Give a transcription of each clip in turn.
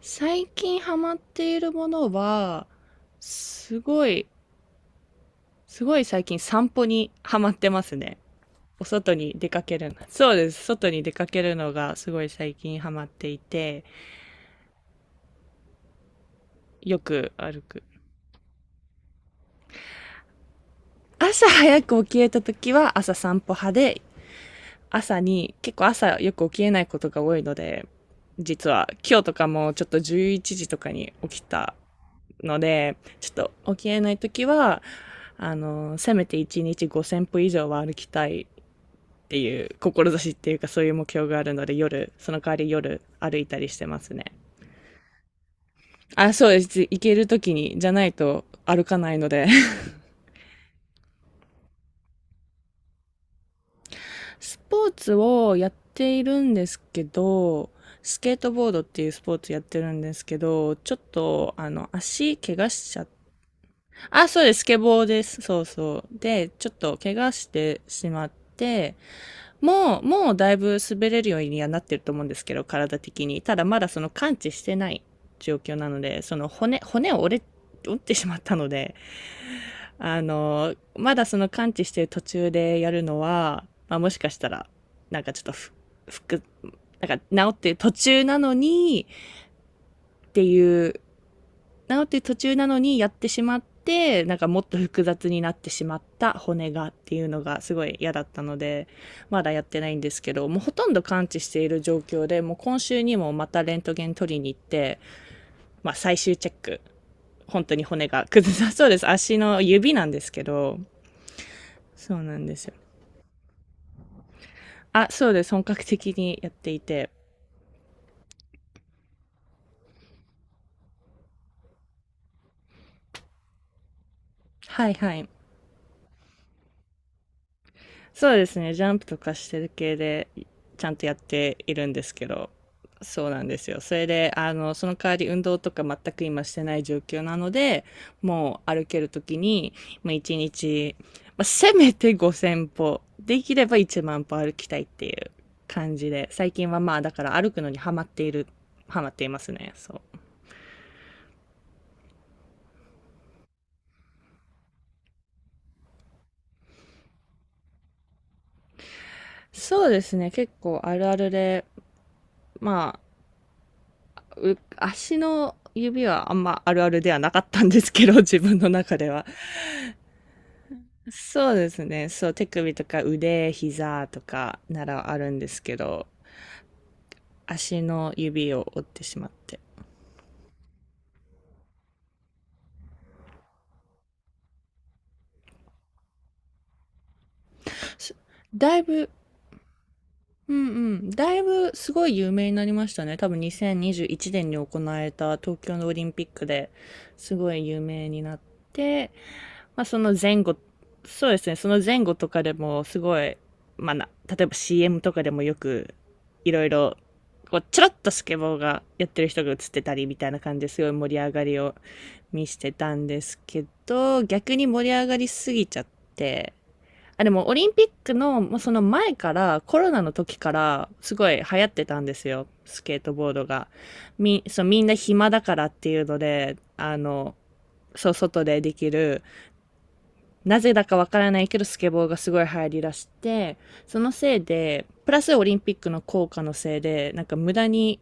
最近ハマっているものは、すごい、すごい最近散歩にハマってますね。お外に出かけるの。そうです。外に出かけるのがすごい最近ハマっていて、よく歩く。朝早く起きれた時は朝散歩派で、朝に、結構朝よく起きれないことが多いので、実は今日とかもちょっと11時とかに起きたので、ちょっと起きれないときは、せめて1日5000歩以上は歩きたいっていう志っていうかそういう目標があるので夜、その代わり夜歩いたりしてますね。あ、そうです。行ける時に、じゃないと歩かないので。スポーツをやっているんですけど、スケートボードっていうスポーツやってるんですけど、ちょっと、あの、足怪我しちゃって、あ、そうです、スケボーです。そうそう。で、ちょっと怪我してしまって、もうだいぶ滑れるようにはなってると思うんですけど、体的に。ただまだその完治してない状況なので、その骨を折ってしまったので、あの、まだその完治してる途中でやるのは、まあ、もしかしたら、なんかちょっとふ、服、なんか治ってる途中なのに、っていう、治ってる途中なのにやってしまって、なんかもっと複雑になってしまった骨がっていうのがすごい嫌だったので、まだやってないんですけど、もうほとんど完治している状況で、もう今週にもまたレントゲン取りに行って、まあ最終チェック。本当に骨が崩さそうです。足の指なんですけど、そうなんですよ。あ、そうです。本格的にやっていて。はいはい。そうですね。ジャンプとかしてる系で、ちゃんとやっているんですけど。そうなんですよ。それで、あの、その代わり運動とか全く今してない状況なので、もう歩けるときに、まあ1日、まあ、せめて5000歩、できれば1万歩歩きたいっていう感じで、最近はまあだから歩くのにハマっている、ハマっていますね。そう。そうですね。結構あるあるで、ま足の指はあんまあるあるではなかったんですけど、自分の中では。そうですね。そう、手首とか腕、膝とかならあるんですけど、足の指を折ってしまって。だいぶうんうん。だいぶすごい有名になりましたね。多分2021年にじゅういちねんに行われた東京のオリンピックですごい有名になって、まあその前後、そうですね、その前後とかでもすごい、まあな、例えば CM とかでもよくいろいろ、こう、ちょろっとスケボーがやってる人が映ってたりみたいな感じですごい盛り上がりを見せてたんですけど、逆に盛り上がりすぎちゃって、あ、でもオリンピックの、もうその前から、コロナの時から、すごい流行ってたんですよ。スケートボードが。そう、みんな暇だからっていうので、あの、そう、外でできる、なぜだかわからないけど、スケボーがすごい流行りだして、そのせいで、プラスオリンピックの効果のせいで、なんか無駄に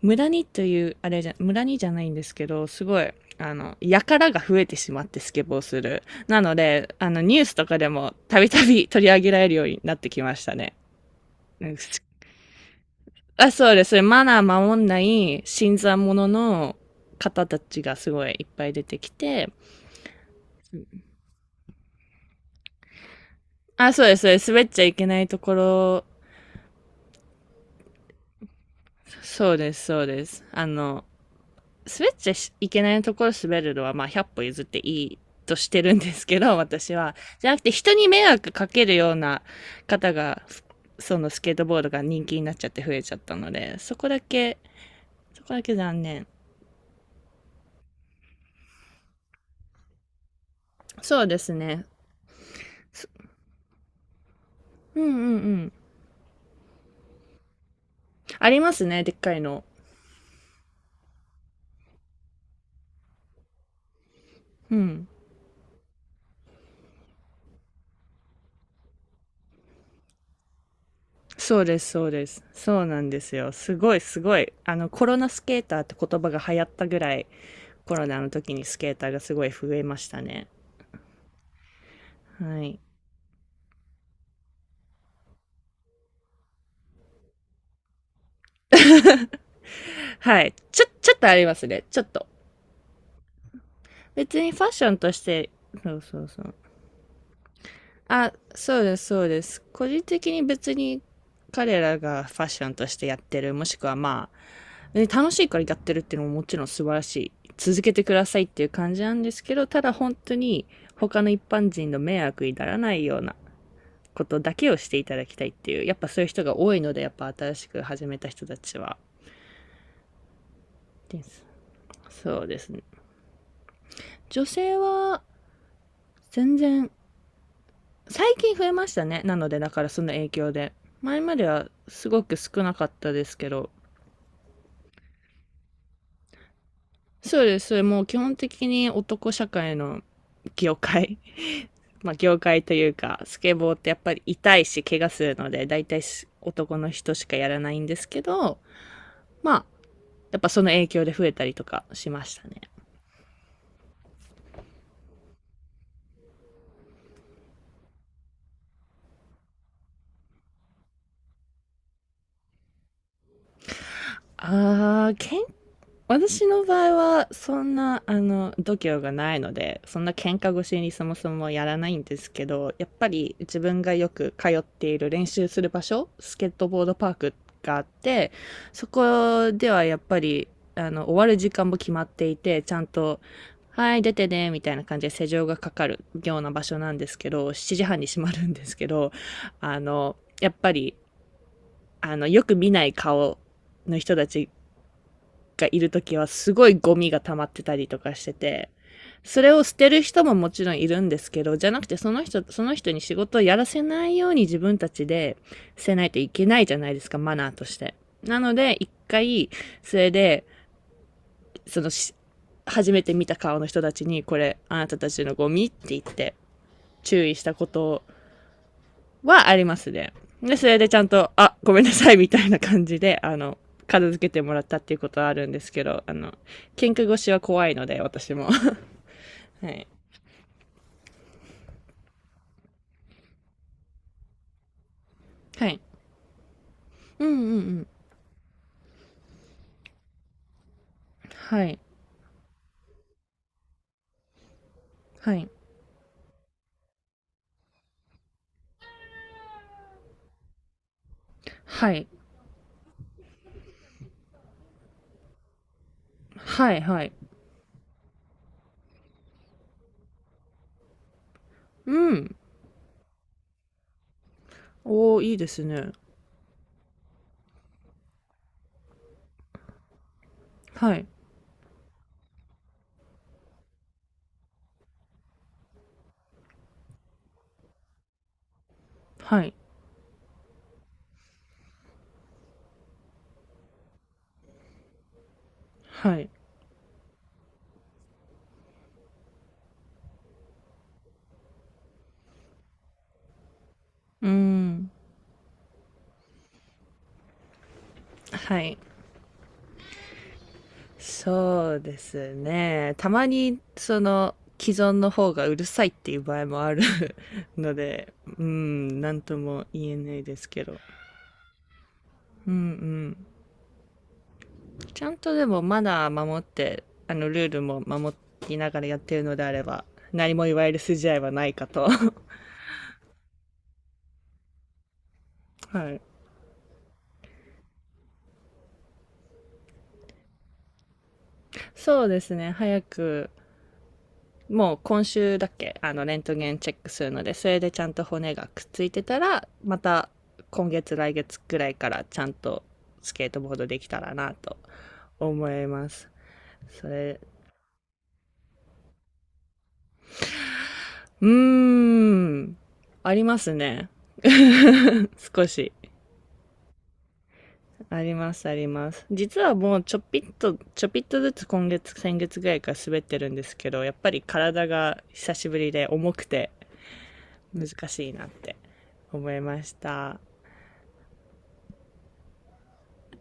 無駄にという、あれじゃ、無駄にじゃないんですけど、すごい、あの、やからが増えてしまってスケボーする。なので、あの、ニュースとかでもたびたび 取り上げられるようになってきましたね。あそうです。マナー守んない新参者の方たちがすごいいっぱい出てきて、あ、そうです。そうです滑っちゃいけないところ、そうです、そうです。あの、滑っちゃいけないところ滑るのは、まあ、100歩譲っていいとしてるんですけど、私は。じゃなくて、人に迷惑かけるような方が、そのスケートボードが人気になっちゃって増えちゃったので、そこだけ、残念。そうですね。うんうんうん。ありますね、でっかいの。うん。そうです、そうです。そうなんですよ。すごい。あの、コロナスケーターって言葉が流行ったぐらい、コロナの時にスケーターがすごい増えましたね。はい。はい。ちょっとありますね。ちょっと。別にファッションとして、そうそうそう。あ、そうです、そうです。個人的に別に彼らがファッションとしてやってる、もしくはまあ、ね楽しいからやってるっていうのももちろん素晴らしい。続けてくださいっていう感じなんですけど、ただ本当に他の一般人の迷惑にならないようなことだけをしていただきたいっていう、やっぱそういう人が多いので、やっぱ新しく始めた人たちは。ですそうですね。女性は全然最近増えましたね。なので、だからその影響で。前まではすごく少なかったですけど。そうです。それもう基本的に男社会の業界 まあ、業界というか、スケボーってやっぱり痛いし、怪我するので、大体男の人しかやらないんですけど、まあ、やっぱその影響で増えたりとかしましたね。あー、健私の場合は、そんな、あの、度胸がないので、そんな喧嘩腰にそもそもやらないんですけど、やっぱり自分がよく通っている練習する場所、スケートボードパークがあって、そこではやっぱり、あの、終わる時間も決まっていて、ちゃんと、はい、出てね、みたいな感じで施錠がかかるような場所なんですけど、7時半に閉まるんですけど、あの、やっぱり、あの、よく見ない顔の人たちがいるときはすごいゴミが溜まってたりとかしてて、それを捨てる人ももちろんいるんですけど、じゃなくてその人に仕事をやらせないように自分たちでせないといけないじゃないですか、マナーとして。なので、一回、それで、その初めて見た顔の人たちに、これ、あなたたちのゴミって言って、注意したことはありますね。で、それでちゃんと、あ、ごめんなさい、みたいな感じで、あの、片付けてもらったっていうことはあるんですけど、あの、喧嘩腰は怖いので、私も。はい。はい。うんうんうん。はい。はい。はい。はい、はい。うん。おー、いいですね。はい。はい。はい。うーん。はい。そうですね。たまに、その、既存の方がうるさいっていう場合もある ので、うん、なんとも言えないですけど。うんうん。ちゃんとでもマナー守って、あの、ルールも守りながらやってるのであれば、何も言われる筋合いはないかと。はい。そうですね。早くもう今週だっけあの、レントゲンチェックするので、それでちゃんと骨がくっついてたら、また今月来月くらいからちゃんとスケートボードできたらなと思います。それ、うーん、ありますね 少し。あります、あります。実はもうちょぴっとずつ今月、先月ぐらいから滑ってるんですけど、やっぱり体が久しぶりで重くて難しいなって思いました。